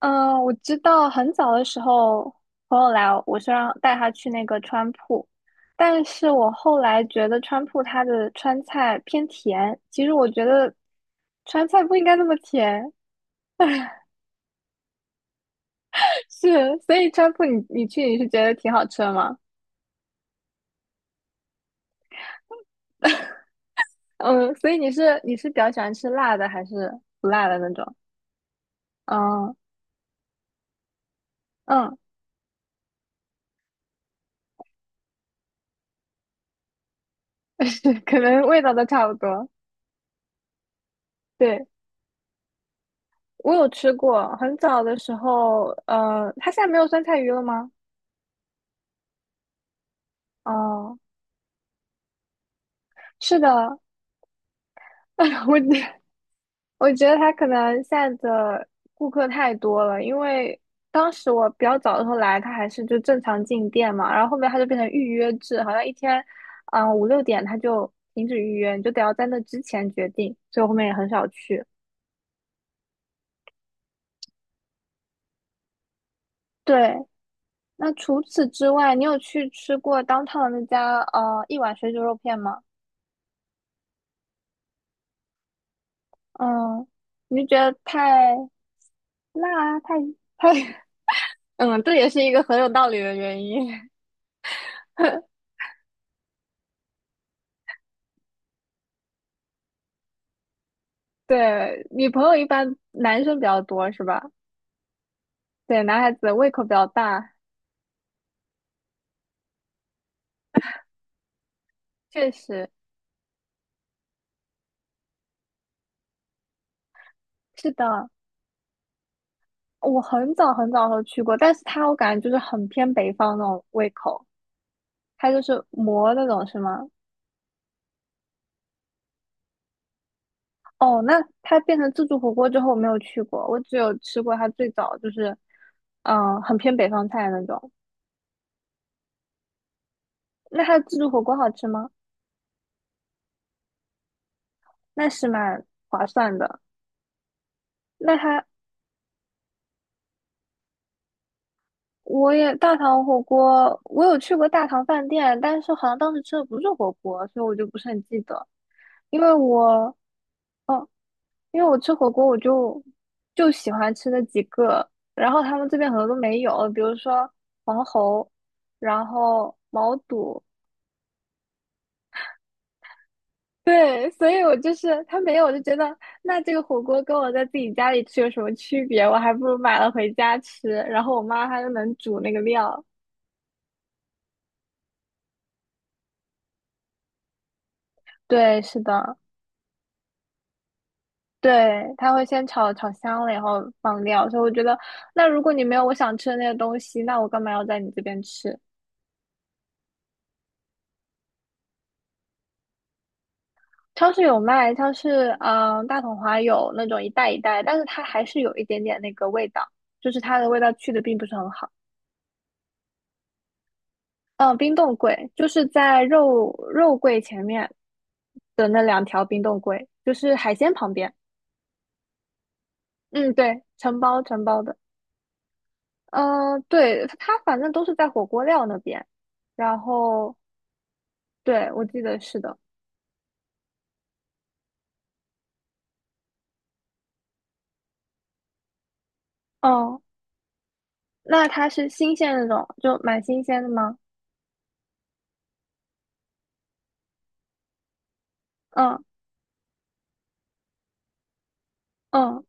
嗯，我知道很早的时候，朋友来，我是让带他去那个川铺，但是我后来觉得川铺它的川菜偏甜，其实我觉得川菜不应该那么甜。是，所以川铺你觉得挺好吃的吗？嗯，所以你是比较喜欢吃辣的还是不辣的那种？嗯嗯。是，可能味道都差不多。对，我有吃过，很早的时候，它现在没有酸菜鱼了吗？哦。是的。我觉我觉得他可能现在的顾客太多了。因为当时我比较早的时候来，他还是就正常进店嘛，然后后面他就变成预约制，好像一天，5、6点他就停止预约，你就得要在那之前决定，所以我后面也很少去。对，那除此之外，你有去吃过当 o 的那家一碗水煮肉片吗？嗯，你就觉得太辣啊，太，嗯，这也是一个很有道理的原因。对，女朋友一般男生比较多是吧？对，男孩子胃口比较大，确实是的。我很早很早的时候去过，但是他我感觉就是很偏北方那种胃口，他就是馍那种是吗？哦，那他变成自助火锅之后我没有去过，我只有吃过他最早就是，很偏北方菜那种。那他自助火锅好吃吗？那是蛮划算的。那他我也大唐火锅，我有去过大唐饭店，但是好像当时吃的不是火锅，所以我就不是很记得。因为我因为我吃火锅，我就喜欢吃那几个，然后他们这边很多都没有，比如说黄喉，然后毛肚。对，所以我就是他没有，我就觉得，那这个火锅跟我在自己家里吃有什么区别？我还不如买了回家吃，然后我妈她就能煮那个料。对，是的。对，它会先炒炒香了，然后放料。所以我觉得，那如果你没有我想吃的那些东西，那我干嘛要在你这边吃？超市有卖，超市嗯、呃大统华有那种一袋一袋，但是它还是有一点点那个味道，就是它的味道去的并不是很好。嗯、冰冻柜就是在肉柜前面的那两条冰冻柜，就是海鲜旁边。嗯，对，承包的。嗯、对，它反正都是在火锅料那边。然后对，我记得是的。哦，那它是新鲜的那种，就蛮新鲜的吗？嗯嗯，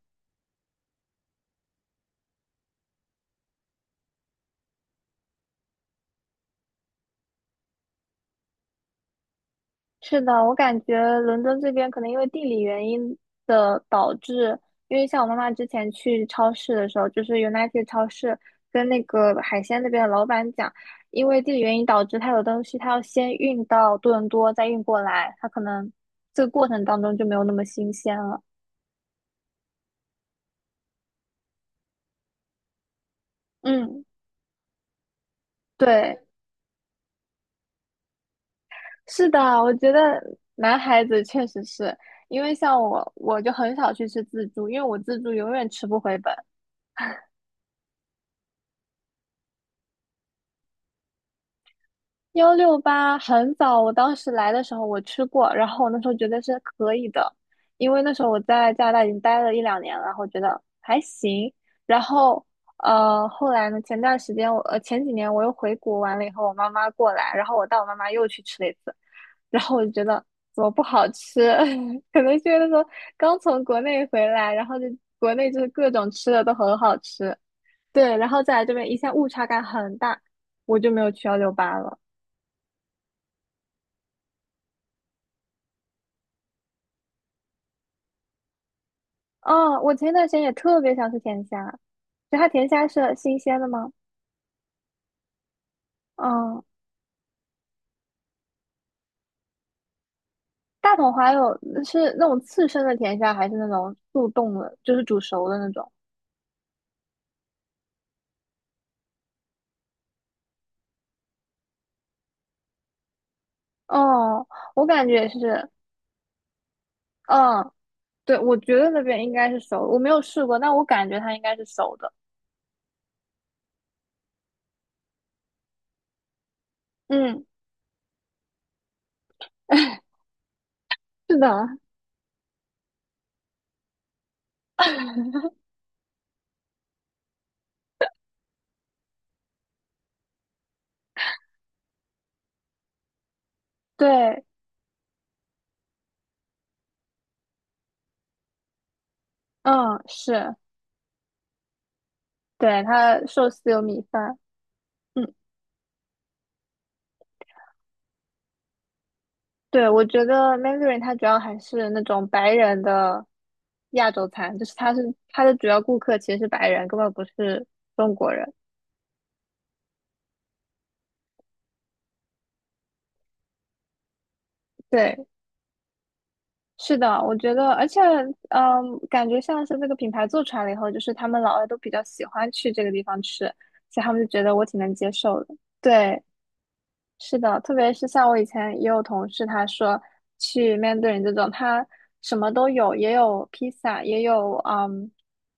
是的。我感觉伦敦这边可能因为地理原因的导致，因为像我妈妈之前去超市的时候，就是 United 超市跟那个海鲜那边的老板讲，因为地理原因导致它有东西它要先运到多伦多再运过来，它可能这个过程当中就没有那么新鲜了。嗯，对。是的，我觉得男孩子确实是，因为像我，我就很少去吃自助，因为我自助永远吃不回本。幺六八很早，我当时来的时候我吃过，然后我那时候觉得是可以的，因为那时候我在加拿大已经待了1、2年了，然后觉得还行。然后后来呢，前段时间前几年我又回国完了以后，我妈妈过来，然后我带我妈妈又去吃了一次，然后我就觉得怎么不好吃。可能是因为那时候刚从国内回来，然后国内就是各种吃的都很好吃。对，然后再来这边一下误差感很大，我就没有去幺六八了。哦，我前段时间也特别想吃甜虾，就它甜虾是新鲜的吗？嗯，大统还有是那种刺身的甜虾，还是那种速冻的，就是煮熟的那种？哦，我感觉是，嗯，对，我觉得那边应该是熟的，我没有试过，但我感觉它应该是熟的。嗯。是的，对，嗯，是，对，它寿司有米饭。嗯，对，我觉得 Mandarin 它主要还是那种白人的亚洲餐，就是它是它的主要顾客其实是白人，根本不是中国人。对，是的，我觉得，而且，嗯，感觉像是这个品牌做出来了以后，就是他们老外都比较喜欢去这个地方吃，所以他们就觉得我挺能接受的。对，是的，特别是像我以前也有同事，他说去面对人这种，他什么都有，也有披萨，也有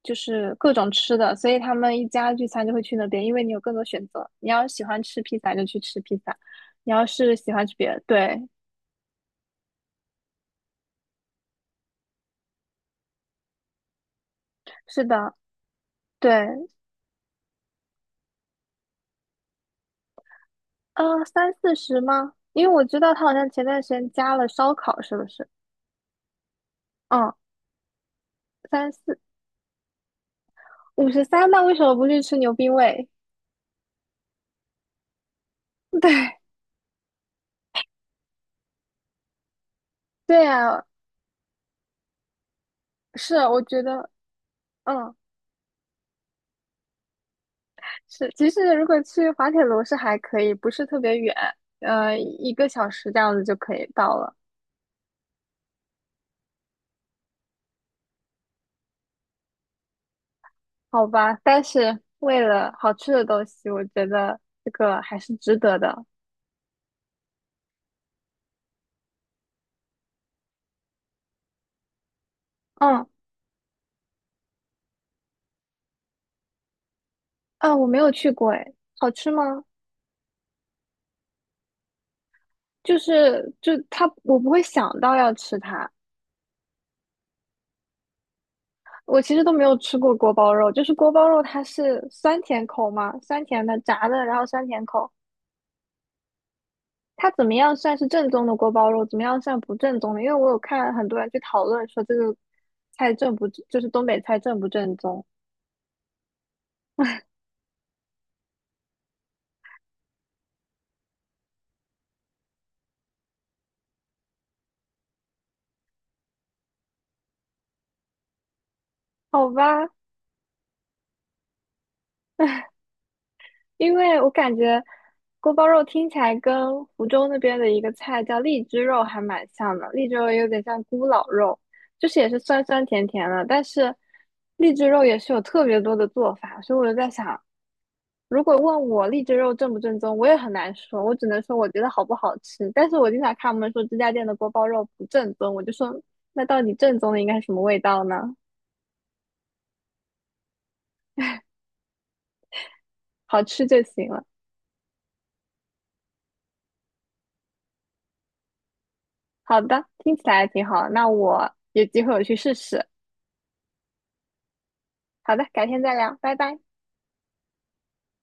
就是各种吃的，所以他们一家聚餐就会去那边，因为你有更多选择。你要是喜欢吃披萨就去吃披萨，你要是喜欢吃别的，对，是的，对。三四十吗？因为我知道他好像前段时间加了烧烤，是不是？嗯，三四五十三，五十三，那为什么不去吃牛逼味？对，对呀，是，我觉得。嗯，是，其实如果去滑铁卢是还可以，不是特别远，1个小时这样子就可以到了，好吧？但是为了好吃的东西，我觉得这个还是值得的。嗯，啊，我没有去过，哎，好吃吗？就是就它，我不会想到要吃它。我其实都没有吃过锅包肉，就是锅包肉它是酸甜口嘛，酸甜的炸的，然后酸甜口。它怎么样算是正宗的锅包肉，怎么样算不正宗的？因为我有看很多人去讨论说这个菜正不，就是东北菜正不正宗？好吧，因为我感觉锅包肉听起来跟湖州那边的一个菜叫荔枝肉还蛮像的，荔枝肉有点像咕咾肉，就是也是酸酸甜甜的，但是荔枝肉也是有特别多的做法，所以我就在想，如果问我荔枝肉正不正宗，我也很难说，我只能说我觉得好不好吃。但是我经常看他们说这家店的锅包肉不正宗，我就说那到底正宗的应该什么味道呢？好吃就行了。好的，听起来挺好，那我有机会我去试试。好的，改天再聊，拜拜。